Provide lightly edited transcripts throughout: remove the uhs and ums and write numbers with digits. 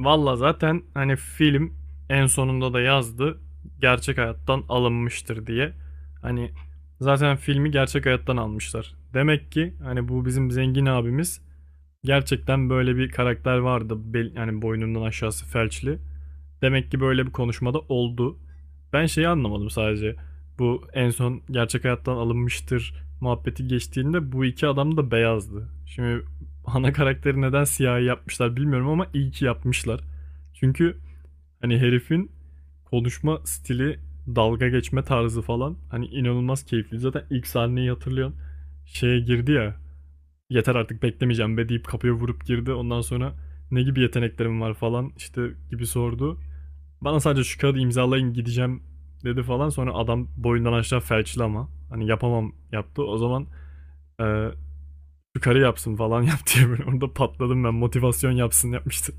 Valla zaten hani film en sonunda da yazdı gerçek hayattan alınmıştır diye. Hani zaten filmi gerçek hayattan almışlar. Demek ki hani bu bizim zengin abimiz gerçekten böyle bir karakter vardı. Bel, yani boynundan aşağısı felçli. Demek ki böyle bir konuşmada oldu. Ben şeyi anlamadım sadece. Bu en son gerçek hayattan alınmıştır muhabbeti geçtiğinde bu iki adam da beyazdı. Şimdi ana karakteri neden siyahi yapmışlar bilmiyorum ama iyi ki yapmışlar. Çünkü hani herifin konuşma stili, dalga geçme tarzı falan hani inanılmaz keyifli. Zaten ilk sahneyi hatırlıyorsun. Şeye girdi ya. Yeter artık beklemeyeceğim be deyip kapıya vurup girdi. Ondan sonra ne gibi yeteneklerim var falan işte gibi sordu. Bana sadece şu kağıdı imzalayın gideceğim dedi falan. Sonra adam boyundan aşağı felçli ama. Hani yapamam yaptı. O zaman eee şu yapsın falan yap diye böyle orada patladım ben. Motivasyon yapsın yapmıştı.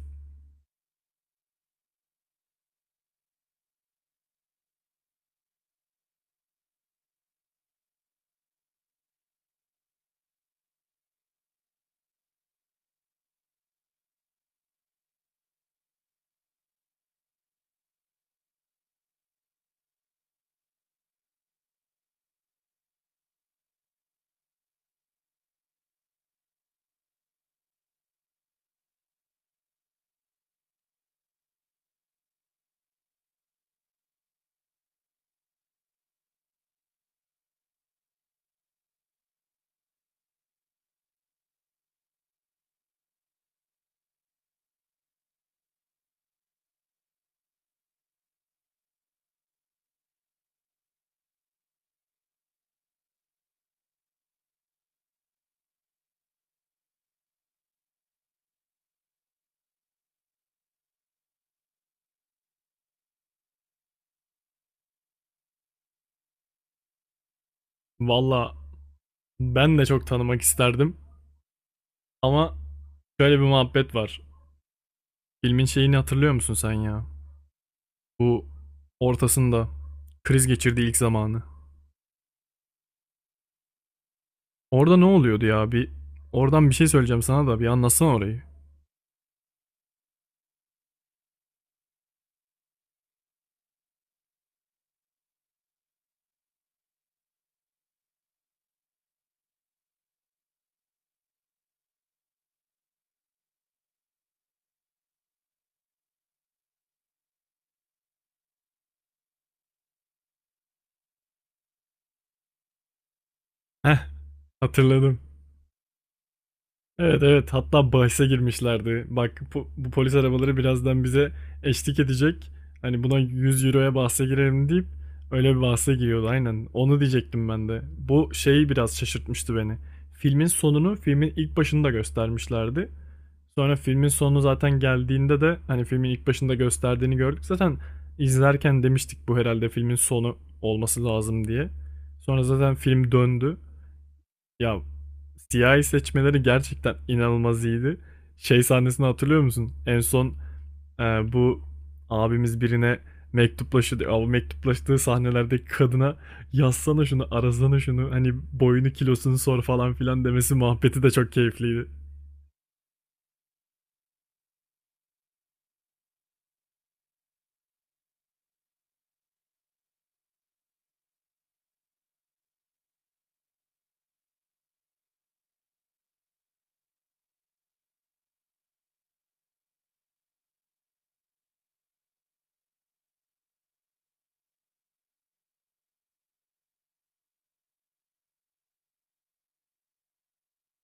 Valla ben de çok tanımak isterdim. Ama şöyle bir muhabbet var. Filmin şeyini hatırlıyor musun sen ya? Bu ortasında kriz geçirdiği ilk zamanı. Orada ne oluyordu ya? Bir oradan bir şey söyleyeceğim sana da bir anlatsana orayı. Heh, hatırladım. Evet, evet, hatta bahse girmişlerdi. Bak, bu polis arabaları birazdan bize eşlik edecek. Hani buna 100 euroya bahse girelim deyip öyle bir bahse giriyordu aynen. Onu diyecektim ben de. Bu şeyi biraz şaşırtmıştı beni. Filmin sonunu filmin ilk başında göstermişlerdi. Sonra filmin sonu zaten geldiğinde de hani filmin ilk başında gösterdiğini gördük. Zaten izlerken demiştik bu herhalde filmin sonu olması lazım diye. Sonra zaten film döndü. Ya, siyahi seçmeleri gerçekten inanılmaz iyiydi. Şey sahnesini hatırlıyor musun? En son e, bu abimiz birine mektuplaşıyor, diyor. O mektuplaştığı sahnelerdeki kadına yazsana şunu, arasana şunu, hani boyunu kilosunu sor falan filan demesi muhabbeti de çok keyifliydi.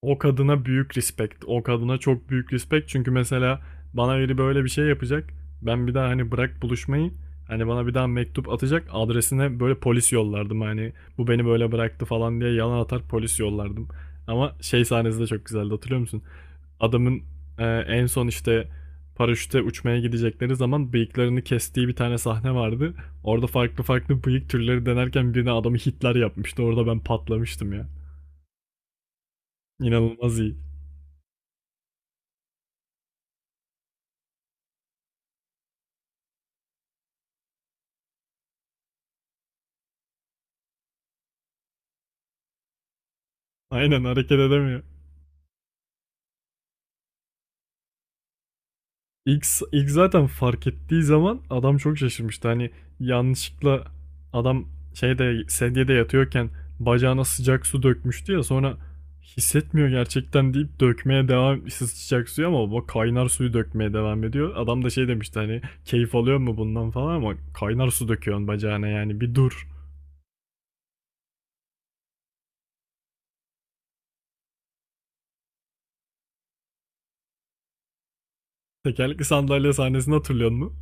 O kadına büyük respect. O kadına çok büyük respect. Çünkü mesela bana biri böyle bir şey yapacak. Ben bir daha hani bırak buluşmayı. Hani bana bir daha mektup atacak. Adresine böyle polis yollardım. Hani bu beni böyle bıraktı falan diye yalan atar polis yollardım. Ama şey sahnesi de çok güzeldi, hatırlıyor musun? Adamın en son işte paraşüte uçmaya gidecekleri zaman bıyıklarını kestiği bir tane sahne vardı. Orada farklı farklı bıyık türleri denerken birine adamı Hitler yapmıştı. Orada ben patlamıştım ya. İnanılmaz iyi. Aynen hareket edemiyor. İlk, ilk zaten fark ettiği zaman adam çok şaşırmıştı. Hani yanlışlıkla adam şeyde sedyede yatıyorken bacağına sıcak su dökmüştü ya, sonra hissetmiyor gerçekten deyip dökmeye devam sıcak suyu, ama o kaynar suyu dökmeye devam ediyor. Adam da şey demişti hani keyif alıyor mu bundan falan, ama kaynar su döküyorsun bacağına, yani bir dur. Tekerlekli sandalye sahnesini hatırlıyor musun?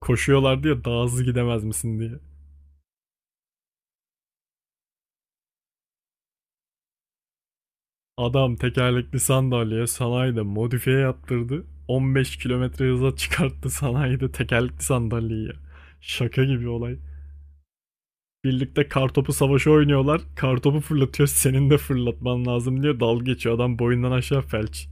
Koşuyorlardı ya daha hızlı gidemez misin diye. Adam tekerlekli sandalyeye sanayide modifiye yaptırdı. 15 kilometre hıza çıkarttı sanayide tekerlekli sandalyeyi, ya. Şaka gibi olay. Birlikte kartopu savaşı oynuyorlar. Kartopu fırlatıyor. Senin de fırlatman lazım diyor. Dalga geçiyor. Adam boyundan aşağı felç.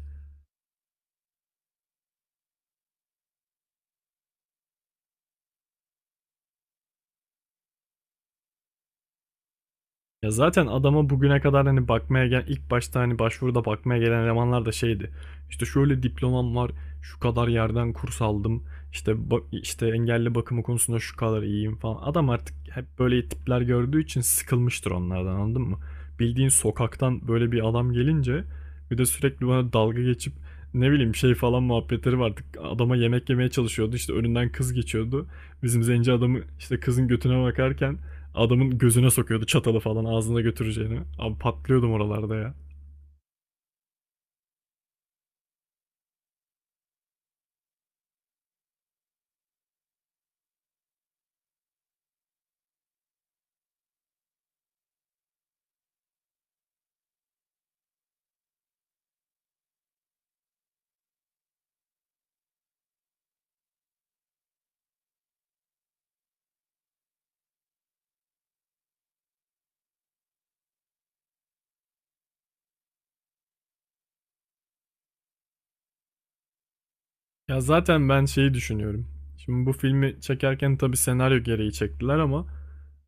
Ya zaten adama bugüne kadar hani bakmaya gelen, ilk başta hani başvuruda bakmaya gelen elemanlar da şeydi. İşte şöyle diplomam var, şu kadar yerden kurs aldım. İşte işte engelli bakımı konusunda şu kadar iyiyim falan. Adam artık hep böyle tipler gördüğü için sıkılmıştır onlardan, anladın mı? Bildiğin sokaktan böyle bir adam gelince, bir de sürekli bana dalga geçip ne bileyim şey falan muhabbetleri vardı. Adama yemek yemeye çalışıyordu. İşte önünden kız geçiyordu. Bizim zenci adamı işte kızın götüne bakarken adamın gözüne sokuyordu çatalı falan ağzına götüreceğini. Abi patlıyordum oralarda ya. Ya zaten ben şeyi düşünüyorum. Şimdi bu filmi çekerken tabii senaryo gereği çektiler, ama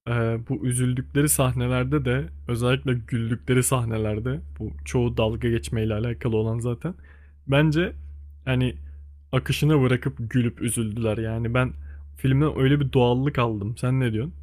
e, bu üzüldükleri sahnelerde de, özellikle güldükleri sahnelerde, bu çoğu dalga geçmeyle alakalı olan zaten. Bence hani akışına bırakıp gülüp üzüldüler, yani ben filmden öyle bir doğallık aldım. Sen ne diyorsun?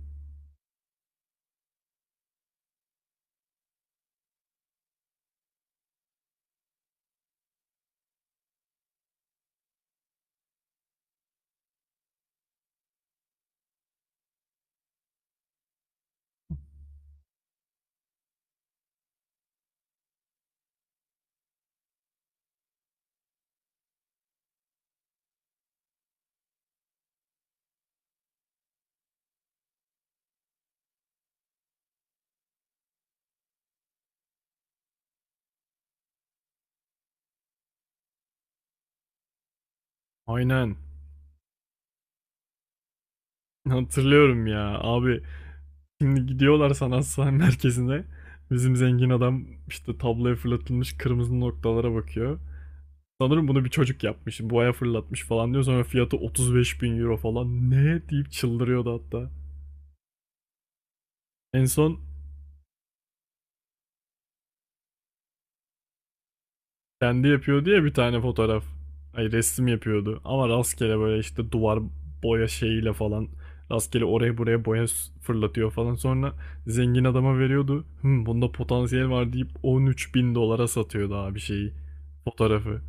Aynen. Hatırlıyorum ya abi. Şimdi gidiyorlar sanat sahne merkezine. Bizim zengin adam işte tabloya fırlatılmış kırmızı noktalara bakıyor. Sanırım bunu bir çocuk yapmış. Boya fırlatmış falan diyor. Sonra fiyatı 35 bin euro falan. Ne deyip çıldırıyordu hatta. En son kendi yapıyordu ya bir tane fotoğraf. Ay, resim yapıyordu. Ama rastgele böyle işte duvar boya şeyiyle falan. Rastgele oraya buraya boya fırlatıyor falan. Sonra zengin adama veriyordu. Hı, bunda potansiyel var deyip 13 bin dolara satıyordu abi şeyi. Fotoğrafı.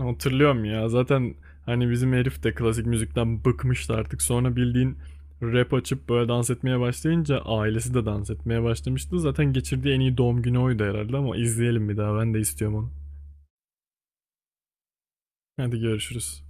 Hatırlıyorum ya. Zaten hani bizim herif de klasik müzikten bıkmıştı artık. Sonra bildiğin rap açıp böyle dans etmeye başlayınca ailesi de dans etmeye başlamıştı. Zaten geçirdiği en iyi doğum günü oydu herhalde, ama izleyelim bir daha. Ben de istiyorum onu. Hadi, görüşürüz.